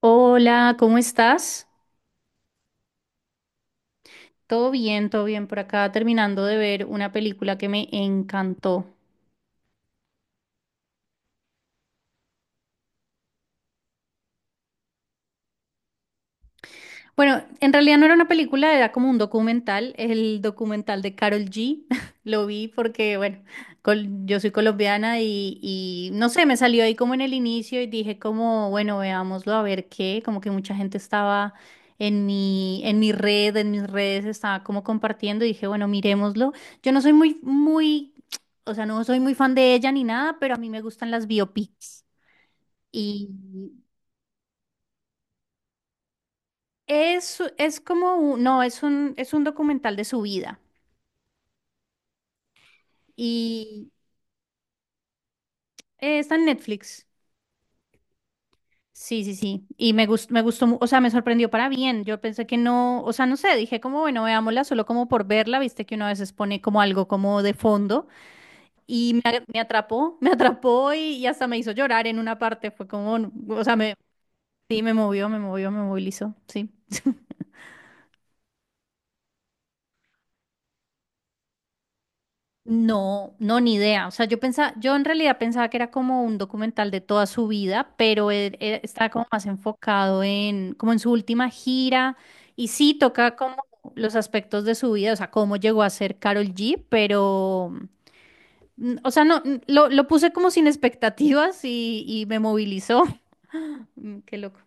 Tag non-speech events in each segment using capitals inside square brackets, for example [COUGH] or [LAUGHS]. Hola, ¿cómo estás? Todo bien por acá, terminando de ver una película que me encantó. Bueno, en realidad no era una película, era como un documental, el documental de Carol G. [LAUGHS] Lo vi porque, bueno, yo soy colombiana y no sé, me salió ahí como en el inicio y dije como, bueno, veámoslo a ver qué, como que mucha gente estaba en mi red, en mis redes estaba como compartiendo y dije, bueno, miremoslo. Yo no soy [TSK] o sea, no soy muy fan de ella ni nada, pero a mí me gustan las biopics. Y es como un, no, es un documental de su vida y está en Netflix. Sí, sí, sí. Y me gustó, me gustó, o sea, me sorprendió para bien. Yo pensé que no, o sea, no sé, dije como, bueno, veámosla solo como por verla, viste que uno a veces pone como algo como de fondo y me atrapó, [LAUGHS] me atrapó y hasta me hizo llorar en una parte. Fue como, o sea, me, sí, me movió, me movió, me movilizó, sí. [LAUGHS] No, no, ni idea. O sea, yo pensaba, yo en realidad pensaba que era como un documental de toda su vida, pero él está como más enfocado en, como en su última gira, y sí toca como los aspectos de su vida, o sea, cómo llegó a ser Carol G, pero, o sea, no, lo puse como sin [LAUGHS] expectativas y me movilizó. [LAUGHS] Mm, qué loco.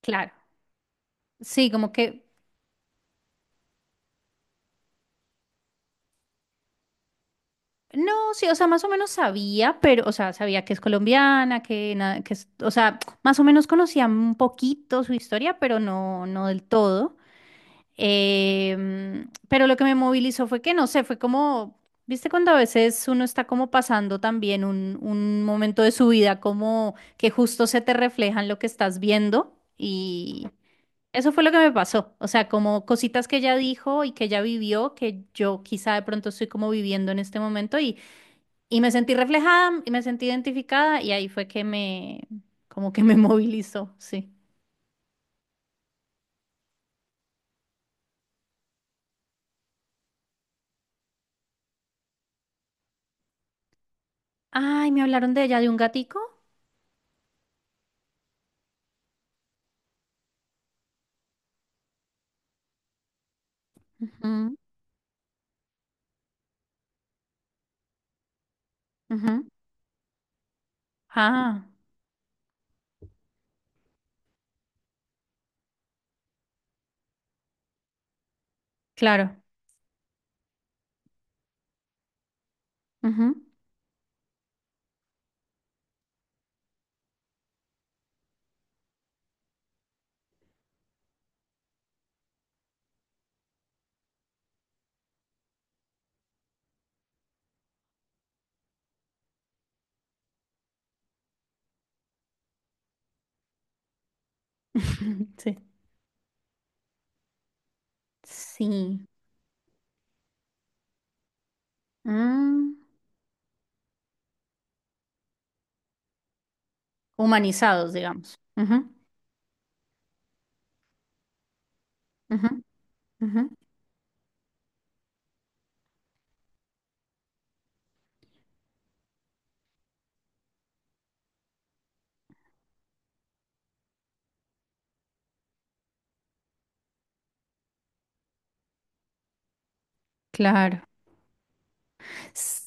Claro. Sí, como que no, sí, o sea, más o menos sabía, pero, o sea, sabía que es colombiana, que, na- que es- o sea, más o menos conocía un poquito su historia, pero no, no del todo. Pero lo que me movilizó fue que, no sé, fue como, viste cuando a veces uno está como pasando también un momento de su vida, como que justo se te refleja en lo que estás viendo y eso fue lo que me pasó, o sea, como cositas que ella dijo y que ella vivió, que yo quizá de pronto estoy como viviendo en este momento y... Y me sentí reflejada y me sentí identificada y ahí fue que me, como que me [LAUGHS] movilizó, sí. Ay, me hablaron de ella, de un gatico. Ujú, ujú. Ah, claro. Ujú. [LAUGHS] Sí. Sí. Mm, humanizados, digamos. Ujú, ujú, ujú. Claro. S-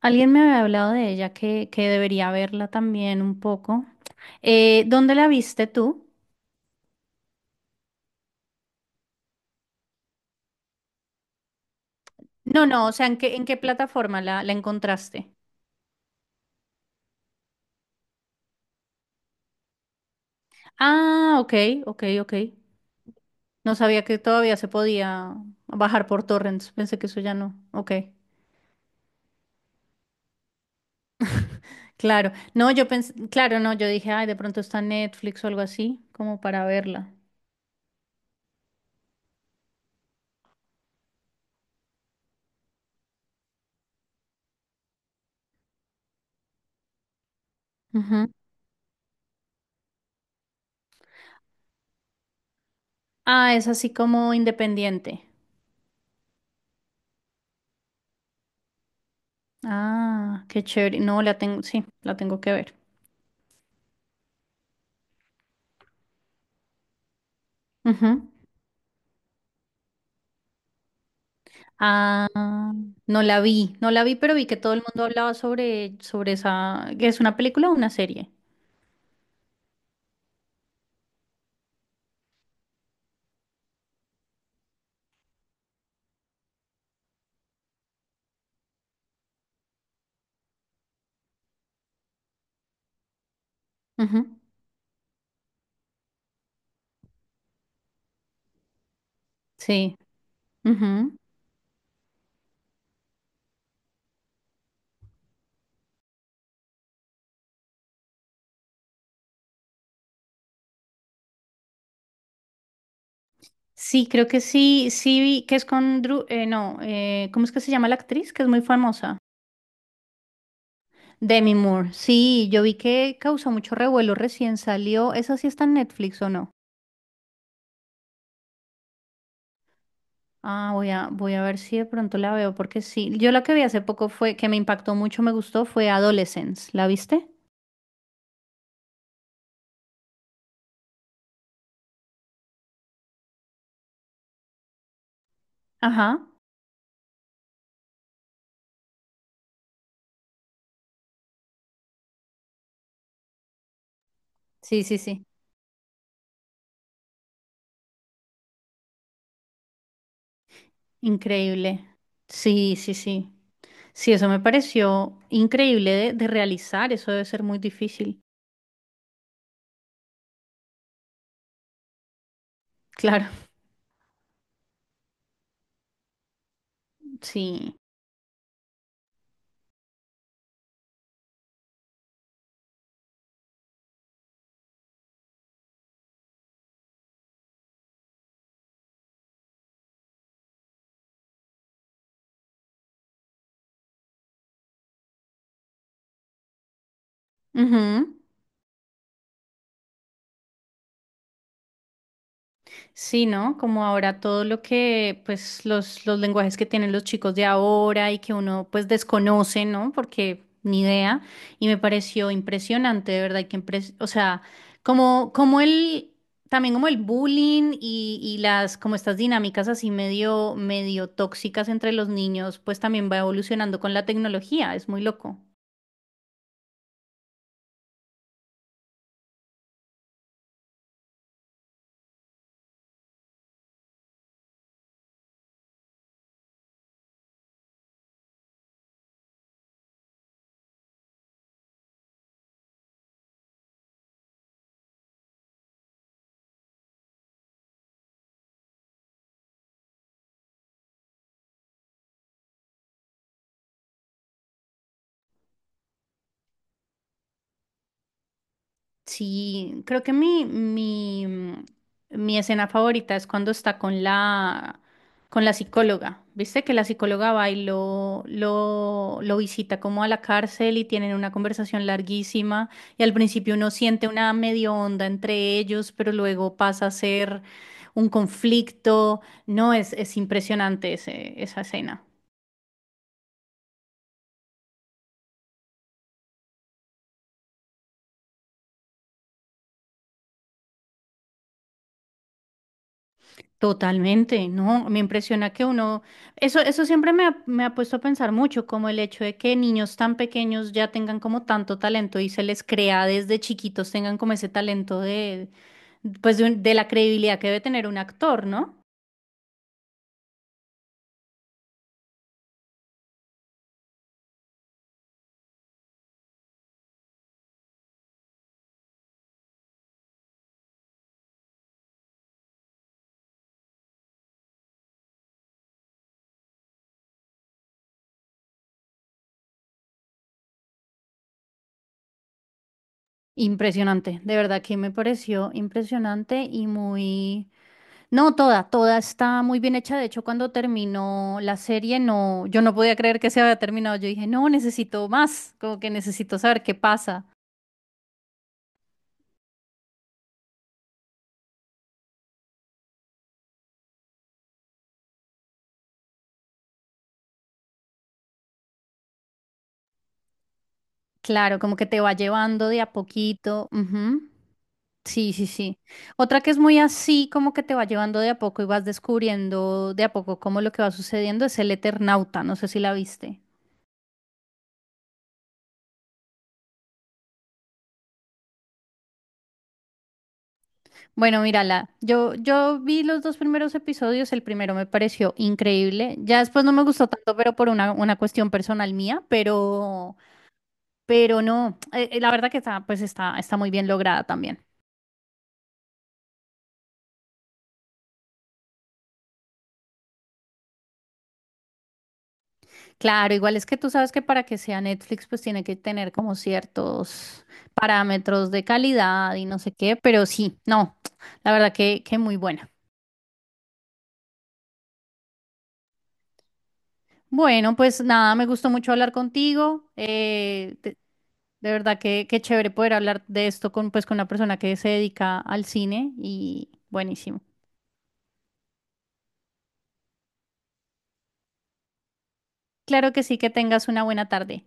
Alguien me había hablado de ella que debería verla también un poco. ¿Dónde la viste tú? No, no, o sea, ¿en qué plataforma la encontraste? Ah, ok, ok, ok. No sabía que todavía se podía bajar por torrents. Pensé que eso ya no. Ok, claro. No, yo pensé, claro, no, yo dije, ay, de pronto está en Netflix o algo así, como para verla. Ujú. Ah, es así como independiente. Ah, qué chévere. No, la tengo, sí, la tengo que ver. Ujú. Ah, no la vi, no la vi, pero vi que todo el mundo hablaba sobre, sobre esa, que es una película o una serie. Ujú. Sí. Ujú. Sí, creo que sí, sí vi que es con Drew, no, ¿cómo es que se llama la actriz? Que es muy famosa. Demi Moore. Sí, yo vi que causó mucho revuelo, recién salió. ¿Esa sí está en Netflix o no? Ah, voy a ver si de pronto la veo, porque sí. Yo la que vi hace poco fue, que me impactó mucho, me gustó, fue Adolescence. ¿La viste? Ajá. Sí, sí, sí. Increíble. Sí, sí, sí. Sí, eso me pareció increíble de realizar. Eso debe ser muy difícil. Claro, sí. Ujú. Sí, ¿no? Como ahora todo lo que, pues, los lenguajes que tienen los chicos de ahora y que uno, pues, desconoce, ¿no? Porque ni idea. Y me pareció impresionante, de verdad, que, o sea, como, como el, también como el bullying y las, como estas dinámicas así medio tóxicas entre los niños, pues, también va evolucionando con la tecnología. Es muy loco. Sí, creo que mi escena favorita es cuando está con la psicóloga. Viste que la psicóloga va y lo visita como a la cárcel y tienen una conversación larguísima y al principio uno siente una medio onda entre ellos, pero luego pasa a ser un conflicto. No, es impresionante esa escena. Totalmente, no, me impresiona que uno, eso siempre me ha puesto a pensar mucho, como el hecho de que niños tan pequeños ya tengan como tanto talento y se les crea desde chiquitos, tengan como ese talento de, de la credibilidad que debe tener un actor, ¿no? Impresionante, de verdad que me pareció impresionante y muy, no, toda está muy bien hecha, de hecho cuando terminó la serie, no, yo no podía creer que se había terminado, yo dije, no, necesito más, como que necesito saber qué pasa. Claro, como que te va llevando de a poquito. Ujú. Sí, sí, sí. Otra que es muy así, como que te va llevando de a poco y vas descubriendo de a poco cómo lo que va sucediendo es el Eternauta. No sé si la viste. Bueno, mírala. Yo vi los dos primeros episodios. El primero me pareció increíble. Ya después no me gustó tanto, pero por una cuestión personal mía. Pero no. La verdad que está, está muy bien lograda también. Claro, igual es que tú sabes que para que sea Netflix, pues tiene que tener como ciertos parámetros de calidad y no sé qué, pero sí, no, la verdad que muy buena. Bueno, pues nada, me gustó mucho hablar contigo. De verdad que chévere poder hablar de esto con, pues, con una persona que se dedica al cine y buenísimo. Claro que sí, que tengas una buena tarde.